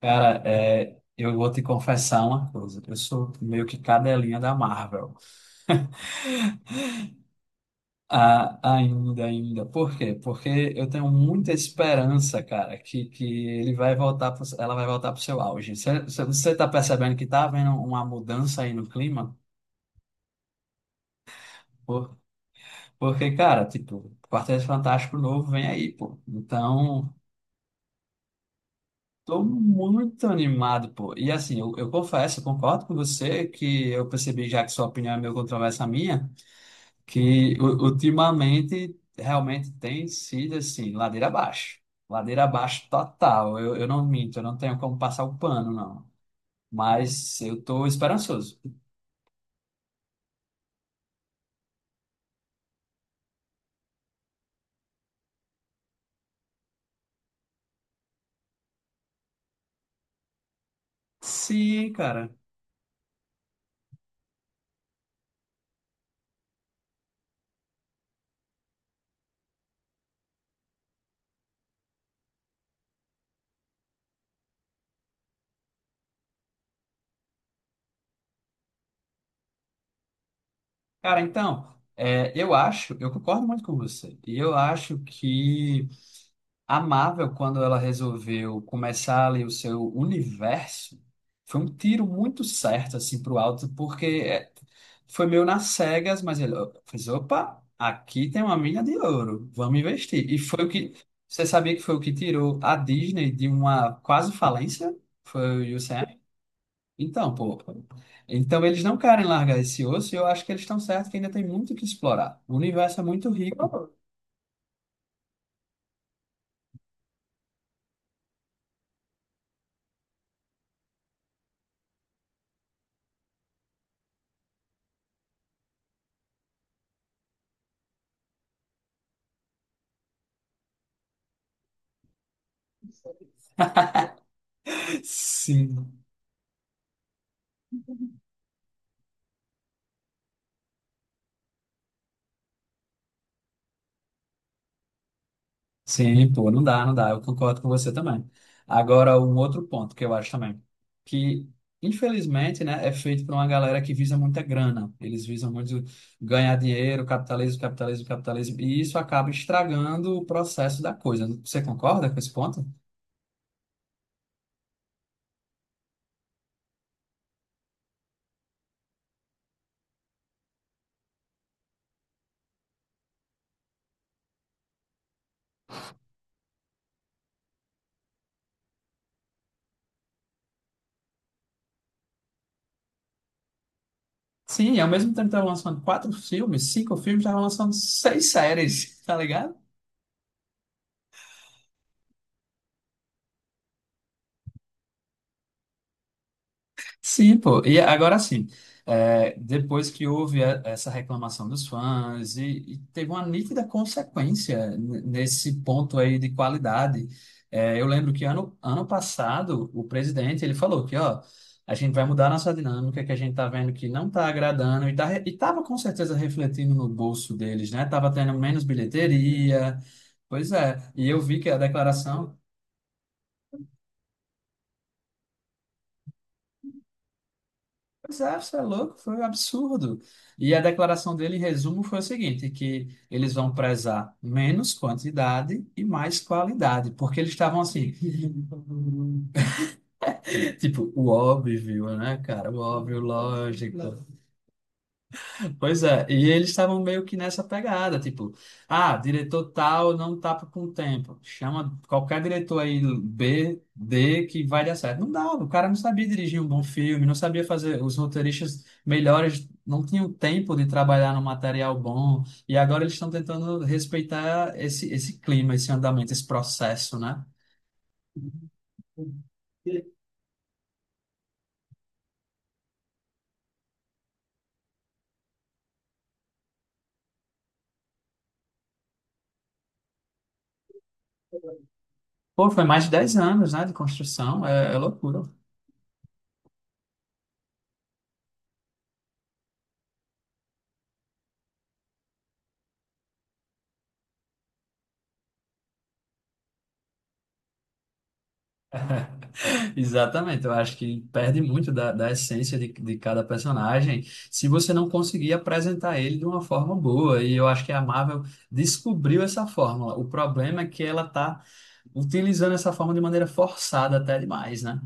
Cara, eu vou te confessar uma coisa. Eu sou meio que cadelinha da Marvel. Ah, ainda. Por quê? Porque eu tenho muita esperança, cara, que ele vai voltar pro- ela vai voltar para o seu auge. Você tá percebendo que tá havendo uma mudança aí no clima? Por- porque, cara, tipo, Quarteto Fantástico novo vem aí, pô. Então, tô muito animado, pô. E assim, eu confesso, eu concordo com você que eu percebi já que sua opinião é meio controversa à minha. Que ultimamente realmente tem sido assim, ladeira abaixo. Ladeira abaixo total. Eu não minto, eu não tenho como passar o pano, não. Mas eu tô esperançoso. Sim, cara. Cara, então, eu acho, eu concordo muito com você. E eu acho que a Marvel, quando ela resolveu começar ali o seu universo, foi um tiro muito certo assim para o alto, porque foi meio nas cegas, mas ele ó, fez, opa, aqui tem uma mina de ouro, vamos investir. E foi o que você sabia que foi o que tirou a Disney de uma quase falência? Foi o UCM? Então, pô, então eles não querem largar esse osso e eu acho que eles estão certos que ainda tem muito o que explorar. O universo é muito rico. Sim. Sim, pô, não dá, não dá. Eu concordo com você também. Agora, um outro ponto que eu acho também, que infelizmente, né, é feito por uma galera que visa muita grana. Eles visam muito ganhar dinheiro, capitalismo, capitalismo, capitalismo, e isso acaba estragando o processo da coisa. Você concorda com esse ponto? Sim, ao mesmo tempo que estavam lançando quatro filmes, cinco filmes, estavam lançando seis séries, tá ligado? Sim, pô. E agora sim, depois que houve essa reclamação dos fãs e teve uma nítida consequência nesse ponto aí de qualidade. É, eu lembro que ano passado o presidente ele falou que ó, a gente vai mudar a nossa dinâmica, que a gente tá vendo que não tá agradando e tava com certeza refletindo no bolso deles, né? Tava tendo menos bilheteria. Pois é, e eu vi que a declaração. Pois é, você é louco, foi um absurdo. E a declaração dele, em resumo, foi o seguinte, que eles vão prezar menos quantidade e mais qualidade, porque eles estavam assim, tipo, o óbvio, né, cara? O óbvio, lógico. Pois é, e eles estavam meio que nessa pegada, tipo, ah, diretor tal não tá com tempo, chama qualquer diretor aí B, D que vai dar certo. Não dava, o cara não sabia dirigir um bom filme, não sabia fazer, os roteiristas melhores não tinham tempo de trabalhar no material bom, e agora eles estão tentando respeitar esse clima, esse andamento, esse processo, né? Pô, foi mais de 10 anos, né, de construção, é loucura. Exatamente, eu acho que perde muito da essência de cada personagem se você não conseguir apresentar ele de uma forma boa. E eu acho que a Marvel descobriu essa fórmula. O problema é que ela está utilizando essa forma de maneira forçada até demais, né?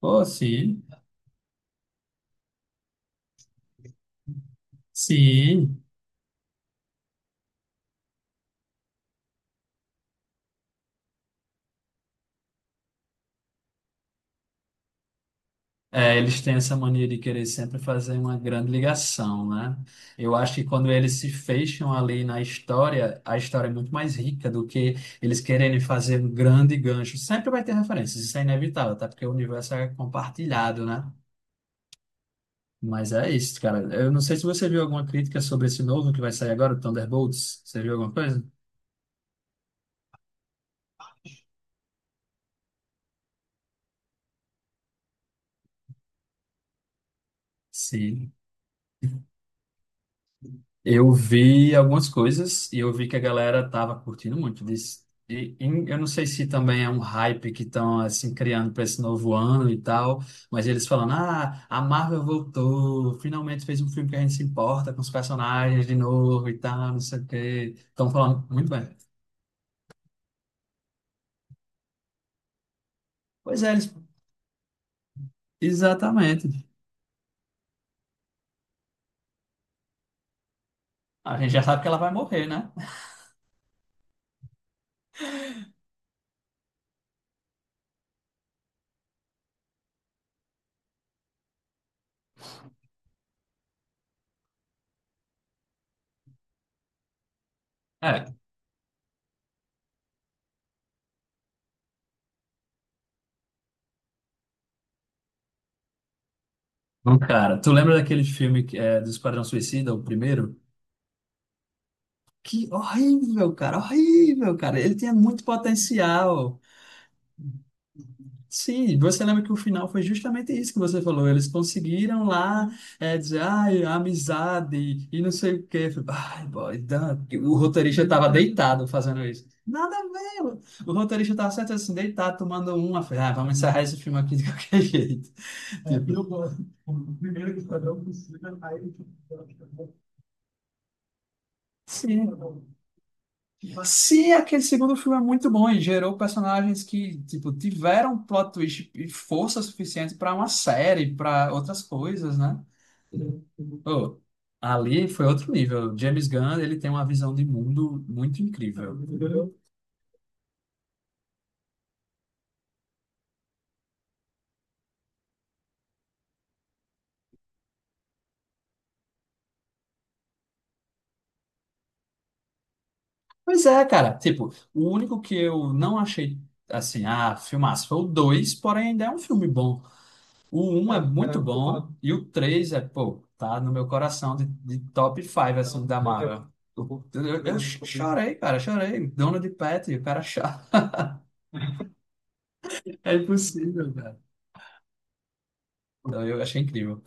Pô, sim, sim. É, eles têm essa mania de querer sempre fazer uma grande ligação, né? Eu acho que quando eles se fecham ali na história, a história é muito mais rica do que eles quererem fazer um grande gancho. Sempre vai ter referências, isso é inevitável, tá? Porque o universo é compartilhado, né? Mas é isso, cara. Eu não sei se você viu alguma crítica sobre esse novo que vai sair agora, o Thunderbolts. Você viu alguma coisa? Sim. Eu vi algumas coisas e eu vi que a galera tava curtindo muito disso. Eu não sei se também é um hype que estão assim criando para esse novo ano e tal, mas eles falando: "Ah, a Marvel voltou, finalmente fez um filme que a gente se importa com os personagens de novo e tal, não sei o quê". Estão falando muito bem. Pois é, eles... exatamente. A gente já sabe que ela vai morrer, né? É, bom, cara, tu lembra daquele filme que do Esquadrão Suicida, o primeiro? Que horrível, cara, horrível, cara. Ele tinha muito potencial. Sim, você lembra que o final foi justamente isso que você falou. Eles conseguiram lá dizer, ai, amizade e não sei o quê. Eu falei, "Ai, boy, Dan-" o roteirista estava deitado fazendo isso. Nada a ver. O roteirista estava certo assim, deitado, tomando uma. Eu falei, "Ah, vamos encerrar esse filme aqui de qualquer jeito." É, tipo, eu gosto. O primeiro que eu não precisa, aí eu sim. Se aquele segundo filme é muito bom e gerou personagens que, tipo, tiveram plot twist e força suficiente para uma série, para outras coisas, né? Oh, ali foi outro nível. James Gunn, ele tem uma visão de mundo muito incrível. Pois é, cara. Tipo, o único que eu não achei, assim, ah, filmaço foi o dois, porém ainda é um filme bom. O um é, cara, muito bom e o 3 é, pô, tá no meu coração de top 5, assim, da Marvel. Eu chorei, cara, chorei. Dono de Pet, o cara chora. É impossível, cara. Então eu achei incrível.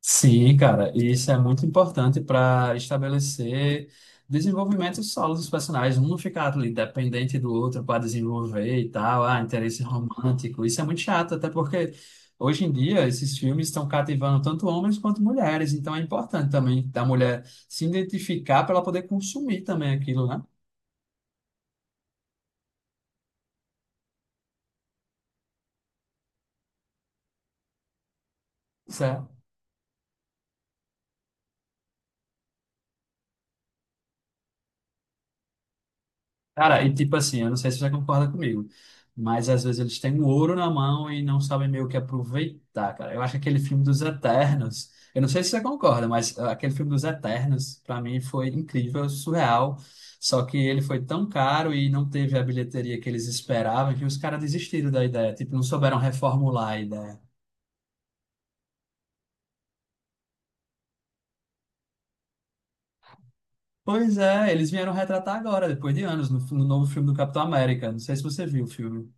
Sim, cara, e isso é muito importante para estabelecer desenvolvimentos solos dos personagens. Um não ficar ali dependente do outro para desenvolver e tal, ah, interesse romântico. Isso é muito chato, até porque hoje em dia esses filmes estão cativando tanto homens quanto mulheres. Então é importante também da mulher se identificar para ela poder consumir também aquilo, né? Cara, e tipo assim, eu não sei se você concorda comigo, mas às vezes eles têm o ouro na mão e não sabem meio que aproveitar, cara. Eu acho que aquele filme dos Eternos, eu não sei se você concorda, mas ah, aquele filme dos Eternos, pra mim, foi incrível, surreal. Só que ele foi tão caro e não teve a bilheteria que eles esperavam que os caras desistiram da ideia, tipo, não souberam reformular a ideia. Pois é, eles vieram retratar agora, depois de anos, no novo filme do Capitão América. Não sei se você viu o filme.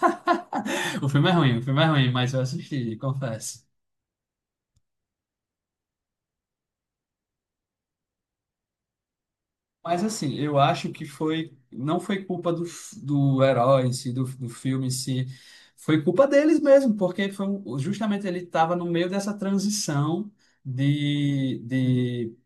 O filme é ruim, o filme é ruim, mas eu assisti, confesso. Mas assim, eu acho que foi, não foi culpa do herói em si, do filme em si, foi culpa deles mesmo, porque foi um- justamente ele estava no meio dessa transição de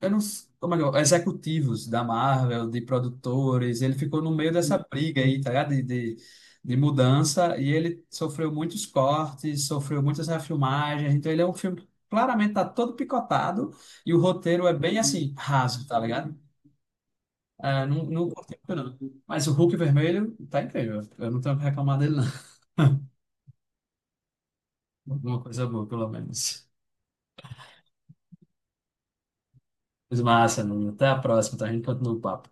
eu não, ou melhor, executivos da Marvel, de produtores, ele ficou no meio dessa briga aí, tá ligado? De mudança, e ele sofreu muitos cortes, sofreu muitas refilmagens, então ele é um filme que claramente tá todo picotado, e o roteiro é bem assim, raso, tá ligado? É, não, não curti muito, não. Mas o Hulk vermelho tá incrível. Eu não tenho o que reclamar dele, não. Alguma coisa boa, pelo menos. Mas massa, Nuno. Até a próxima, tá? A gente continua o papo.